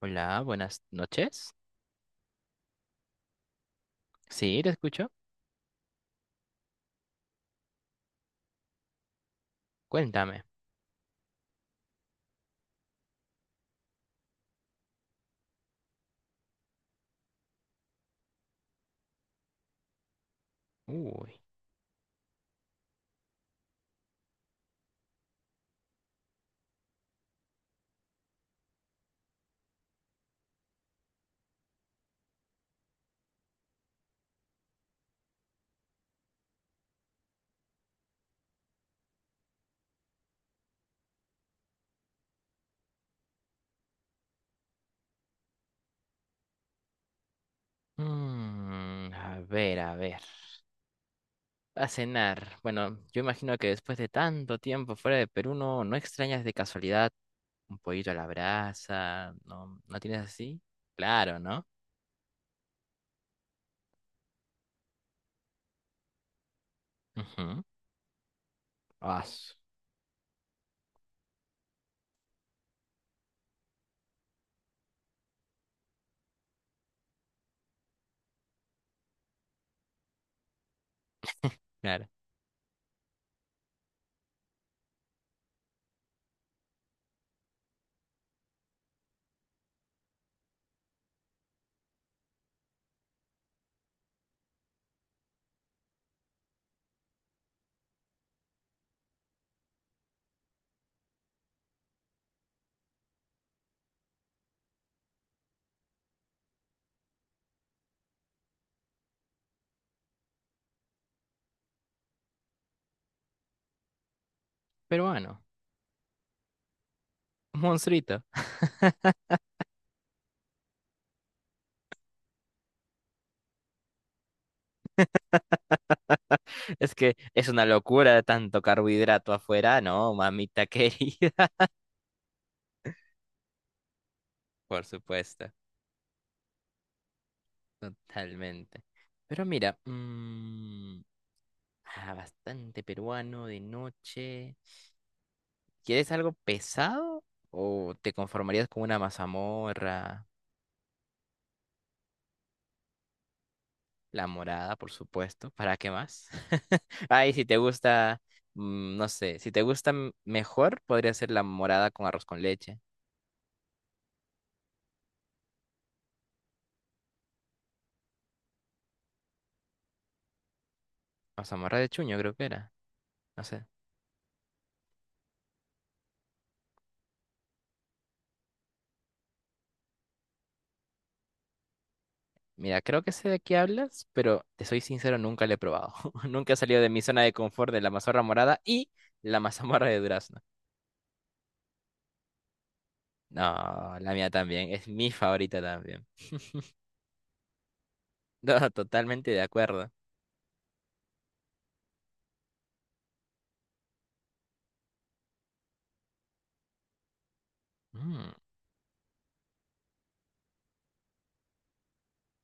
Hola, buenas noches. Sí, te escucho. Cuéntame. Uy. A ver, a ver. A cenar. Bueno, yo imagino que después de tanto tiempo fuera de Perú, no, no extrañas de casualidad un pollito a la brasa. ¿No, no tienes así? Claro, ¿no? Ujú. Ah, su- claro. Peruano. Un monstruito. Es que es una locura tanto carbohidrato afuera, ¿no, mamita querida? Por supuesto. Totalmente. Pero mira, ah, bastante peruano de noche. ¿Quieres algo pesado o te conformarías con una mazamorra? La morada, por supuesto. ¿Para qué más? Ay, si te gusta, mm, no sé, si te gusta mejor, podría ser la morada con arroz con leche. Mazamorra de chuño, creo que era. No sé. Mira, creo que sé de qué hablas, pero te soy sincero, nunca la he probado. Nunca he salido de mi zona de confort de la mazorra morada y la mazamorra de durazno. No, la mía también, es mi favorita también. No, totalmente de acuerdo. Mm,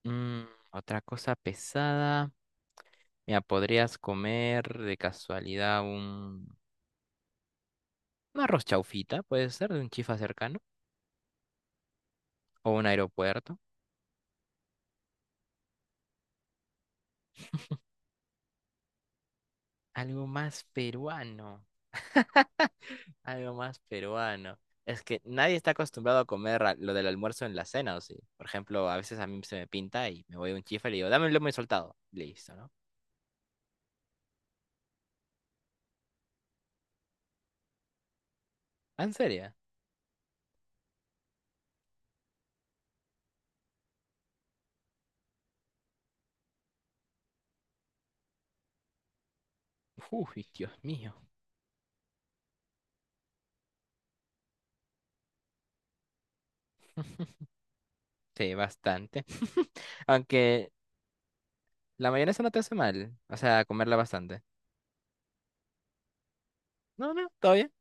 mm, Otra cosa pesada. Mira, podrías comer de casualidad un arroz chaufita, puede ser, de un chifa cercano o un aeropuerto. Algo más peruano, algo más peruano. Es que nadie está acostumbrado a comer lo del almuerzo en la cena, ¿o sí? Por ejemplo, a veces a mí se me pinta y me voy a un chifa y le digo, dame un lomo soltado. Listo, ¿no? Ah, ¿en serio? Uy, Dios mío. Sí, bastante. Aunque la mayonesa no te hace mal, o sea, comerla bastante. No, no, todo bien.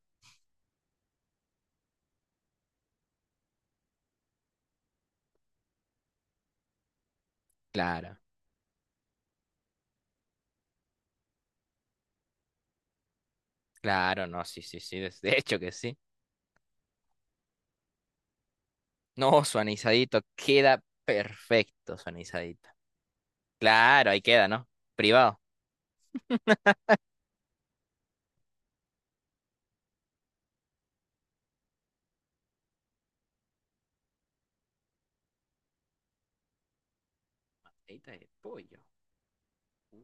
Claro, claro, no, sí, sí, sí, de hecho que sí. No, su anisadito queda perfecto, su anisadito. Claro, ahí queda, ¿no? Privado. Ahorita de pollo. Uh,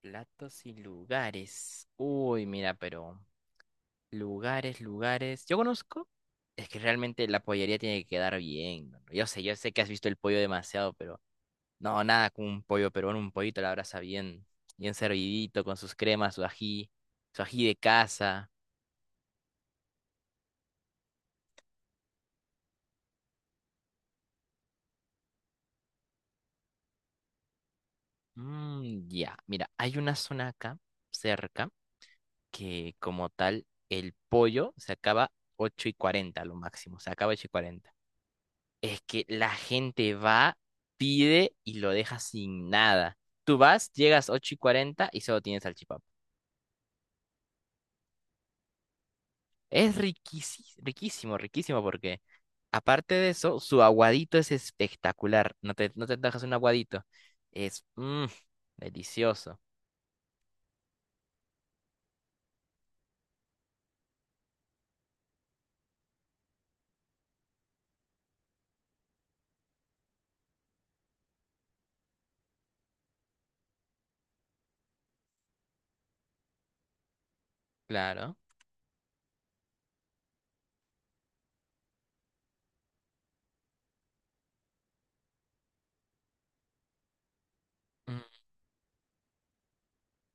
platos y lugares. Uy, mira, pero lugares, lugares. Yo conozco. Es que realmente la pollería tiene que quedar bien, ¿no? Yo sé que has visto el pollo demasiado, pero no, nada como un pollo peruano, un pollito a la brasa bien, bien servidito, con sus cremas, su ají de casa. Ya, mira, hay una zona acá cerca que como tal el pollo se acaba 8:40 lo máximo, se acaba 8:40. Es que la gente va, pide y lo deja sin nada. Tú vas, llegas 8:40 y solo tienes salchipapa. Es riquísimo, riquísimo, riquísimo. Aparte de eso, su aguadito es espectacular. No te, no te dejas un aguadito. Es delicioso, claro. Mm.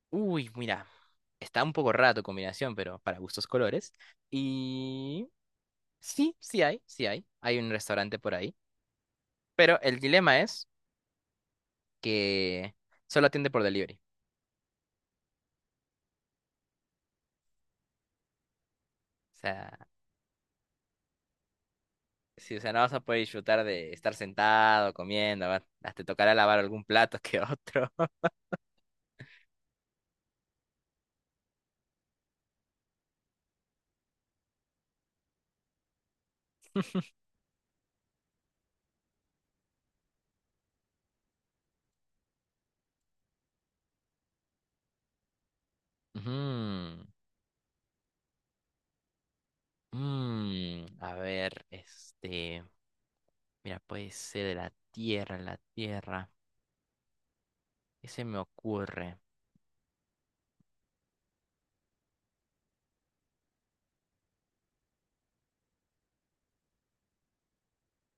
Uy, mira. Está un poco raro tu combinación, pero para gustos colores. Y sí, sí hay, sí hay. Hay un restaurante por ahí. Pero el dilema es que solo atiende por delivery. O sea, si, o sea, no vas a poder disfrutar de estar sentado, comiendo. Va- te tocará lavar algún plato que otro. Ujú. A ver, este, mira, puede ser de la tierra, la tierra. ¿Qué se me ocurre?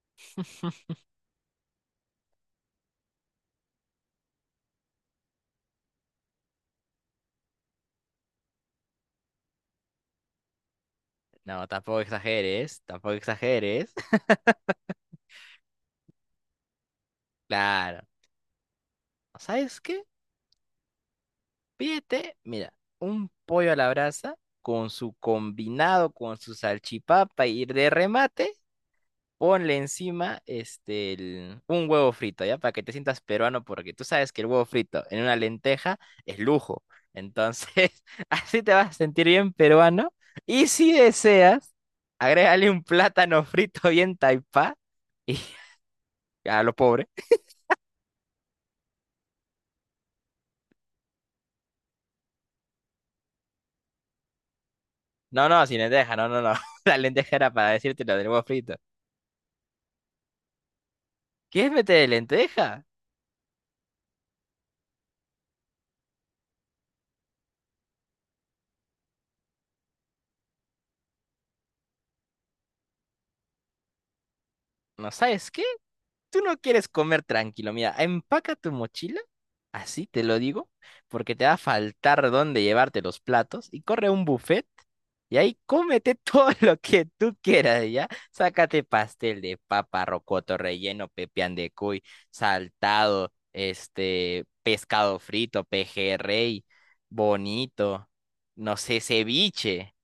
No, tampoco exageres, tampoco exageres. Claro. ¿Sabes qué? Pídete, mira, un pollo a la brasa con su combinado, con su salchipapa y de remate, ponle encima este, un huevo frito, ¿ya? Para que te sientas peruano, porque tú sabes que el huevo frito en una lenteja es lujo. Entonces, así te vas a sentir bien peruano. Y si deseas, agrégale un plátano frito bien taipá. Y a lo pobre. No, no, sin lenteja, no, no, no. La lenteja era para decirte lo del huevo frito. ¿Quieres meter de lenteja? ¿No sabes qué? Tú no quieres comer tranquilo, mira, empaca tu mochila, así te lo digo, porque te va a faltar dónde llevarte los platos y corre a un buffet y ahí cómete todo lo que tú quieras, ¿ya? Sácate pastel de papa, rocoto relleno, pepián de cuy, saltado, este, pescado frito, pejerrey, bonito, no sé, ceviche,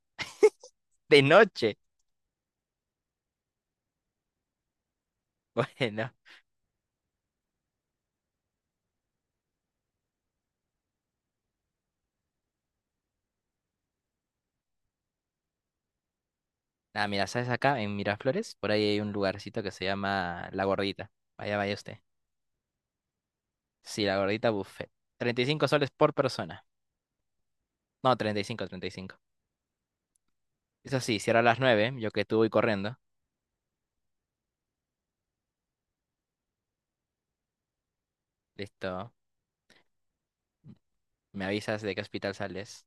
de noche. Bueno. Ah, mira, ¿sabes acá en Miraflores? Por ahí hay un lugarcito que se llama La Gordita. Vaya, vaya usted. Sí, La Gordita Buffet. 35 soles por persona. No, 35, 35. Eso sí, cierra a las 9, yo que tú voy corriendo. Listo. Me avisas de qué hospital sales.